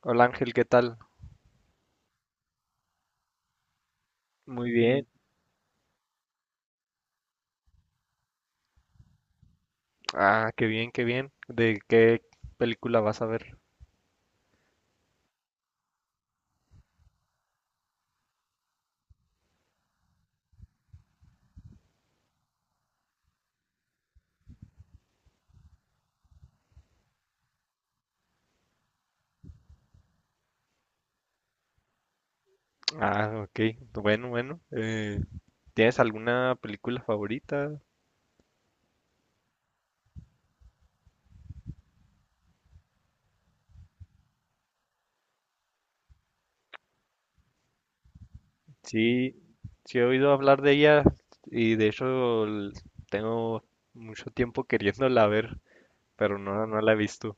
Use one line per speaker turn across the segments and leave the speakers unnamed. Hola Ángel, ¿qué tal? Muy bien. Ah, qué bien, qué bien. ¿De qué película vas a ver? Ah, ok. Bueno, bueno. ¿Tienes alguna película favorita? Sí, sí he oído hablar de ella y de hecho tengo mucho tiempo queriéndola ver, pero no la he visto.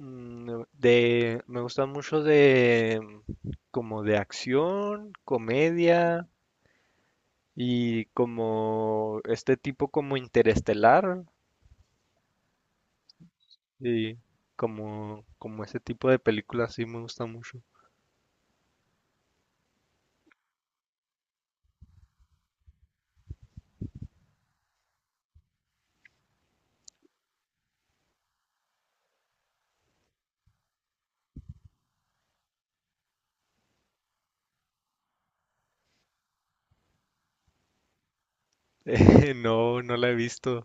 Me gusta mucho de como de acción, comedia y como este tipo como interestelar. Sí, como ese tipo de películas sí me gusta mucho. No la he visto.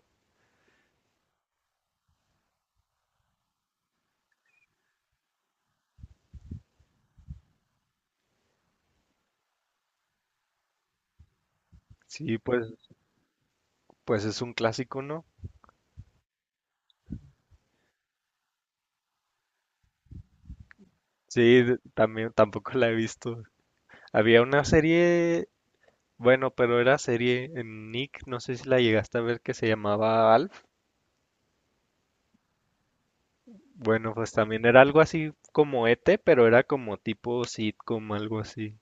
Sí, pues es un clásico, ¿no? Sí, también tampoco la he visto. Había una serie, bueno, pero era serie en Nick, no sé si la llegaste a ver que se llamaba Alf. Bueno, pues también era algo así como ET, pero era como tipo sitcom, algo así.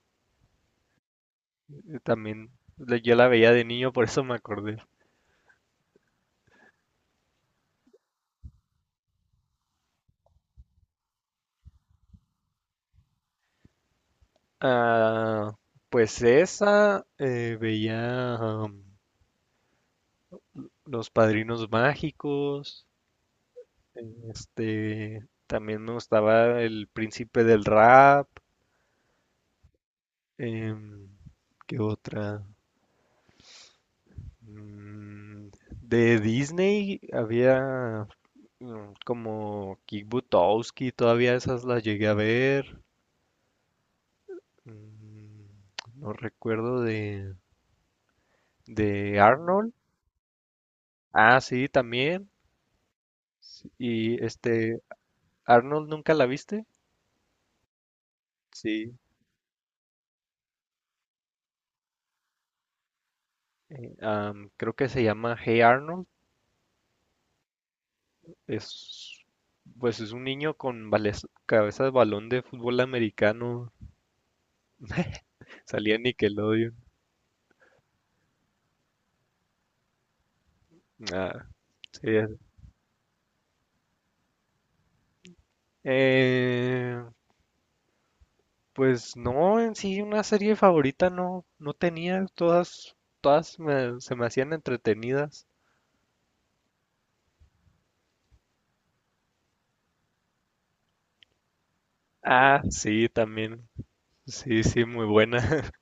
También yo la veía de niño, por eso me acordé. Ah, pues esa veía. Los Padrinos Mágicos, este, también me gustaba El Príncipe del Rap, em, ¿qué otra? Mm, de Disney había como Kick Buttowski, todavía esas las llegué a ver. Mm, No recuerdo de Arnold. Ah, sí, también. Y este, Arnold, ¿nunca la viste? Sí. Creo que se llama Hey Arnold. Es, pues es un niño con cabeza de balón de fútbol americano. Salía en Nickelodeon. Ah, sí, Eh, pues no, en sí una serie favorita no, no tenía. Todas se me hacían entretenidas. Ah, sí, también. Sí, sí, muy buena.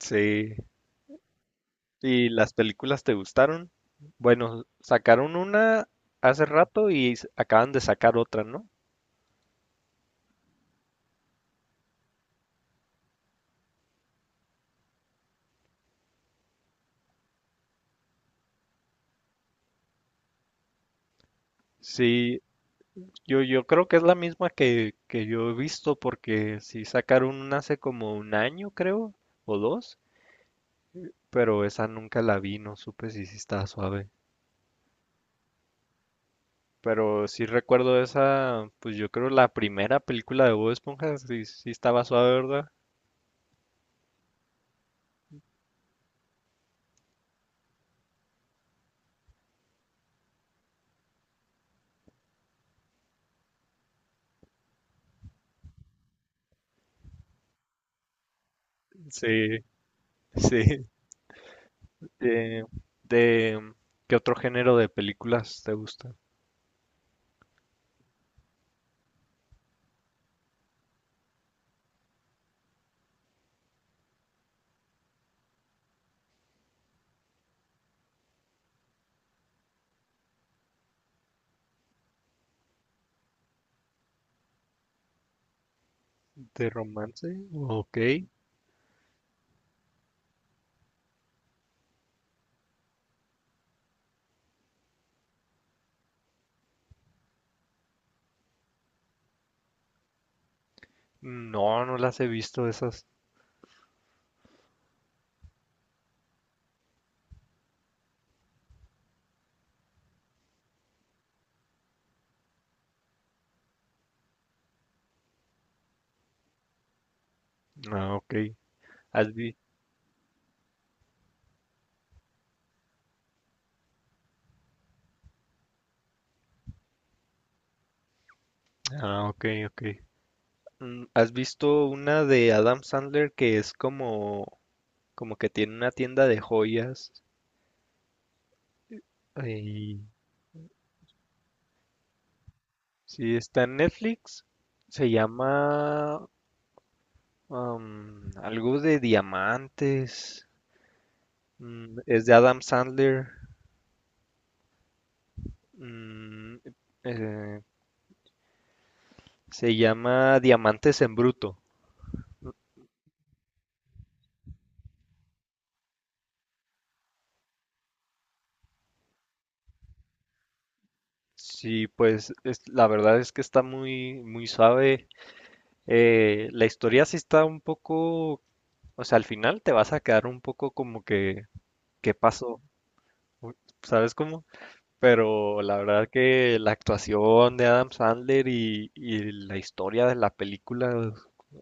Sí. ¿Y las películas te gustaron? Bueno, sacaron una hace rato y acaban de sacar otra, ¿no? Sí, yo creo que es la misma que yo he visto porque sí sacaron una hace como un año, creo, o dos, pero esa nunca la vi, no supe si sí estaba suave. Pero sí recuerdo esa, pues yo creo la primera película de Bob Esponja sí, sí estaba suave, ¿verdad? Sí, sí. De, de- ¿Qué otro género de películas te gusta? ¿De romance? Ok. No, no las he visto esas. Ah, ok. ¿Has vi- Ah, ok, ok. ¿Has visto una de Adam Sandler que es como que tiene una tienda de joyas? Y sí, está en Netflix. Se llama algo de diamantes. Mm, es de Adam Sandler. Mm, eh, se llama Diamantes en Bruto. Sí, pues la verdad es que está muy, muy suave. La historia sí está un poco. O sea, al final te vas a quedar un poco como ¿qué pasó? Uy, ¿sabes cómo? Pero la verdad que la actuación de Adam Sandler y la historia de la película,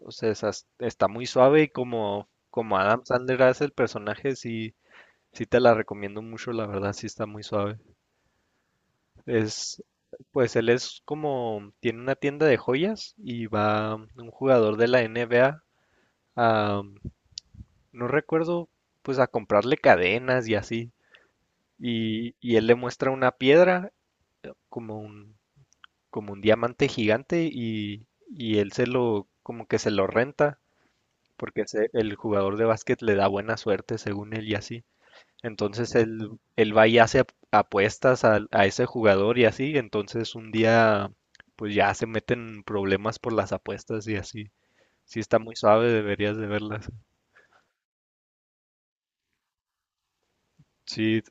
o sea, está muy suave y como Adam Sandler hace el personaje, sí, sí te la recomiendo mucho, la verdad, sí está muy suave. Es, pues él es como, tiene una tienda de joyas y va un jugador de la NBA a, a, no recuerdo, pues a comprarle cadenas y así. Y él le muestra una piedra como un, como un diamante gigante y él se lo, como que se lo renta, porque el jugador de básquet le da buena suerte según él y así. Entonces él va y hace apuestas ese jugador y así. Entonces un día, pues ya se meten en problemas por las apuestas y así. Sí está muy suave, deberías de verlas. Sí,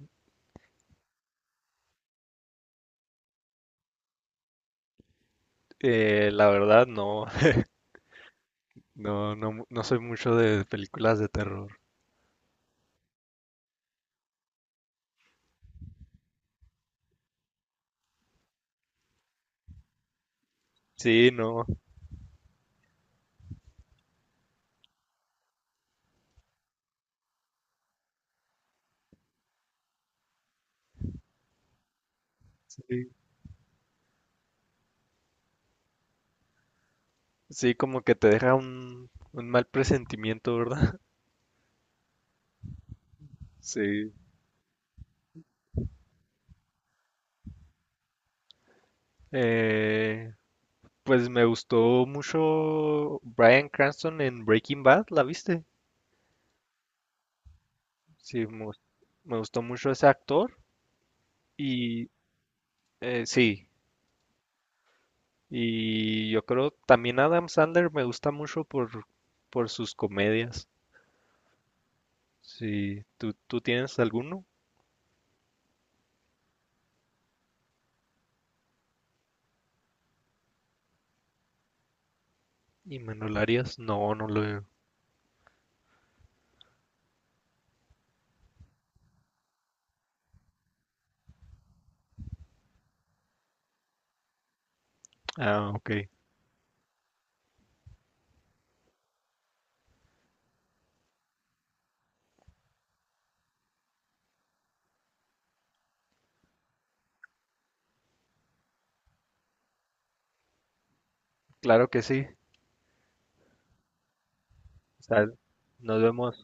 la verdad no, no, no soy mucho de películas de terror. Sí, no. Sí, sí, como que te deja un mal presentimiento, ¿verdad? Sí. Eh, pues me gustó mucho Bryan Cranston en Breaking Bad, ¿la viste? Sí, me gustó mucho ese actor y sí, y yo creo también Adam Sandler me gusta mucho por sus comedias. Sí, ¿tú tienes alguno? ¿Y me lo harías? No, no lo... veo. Ah, ok. Claro que sí. O nos vemos.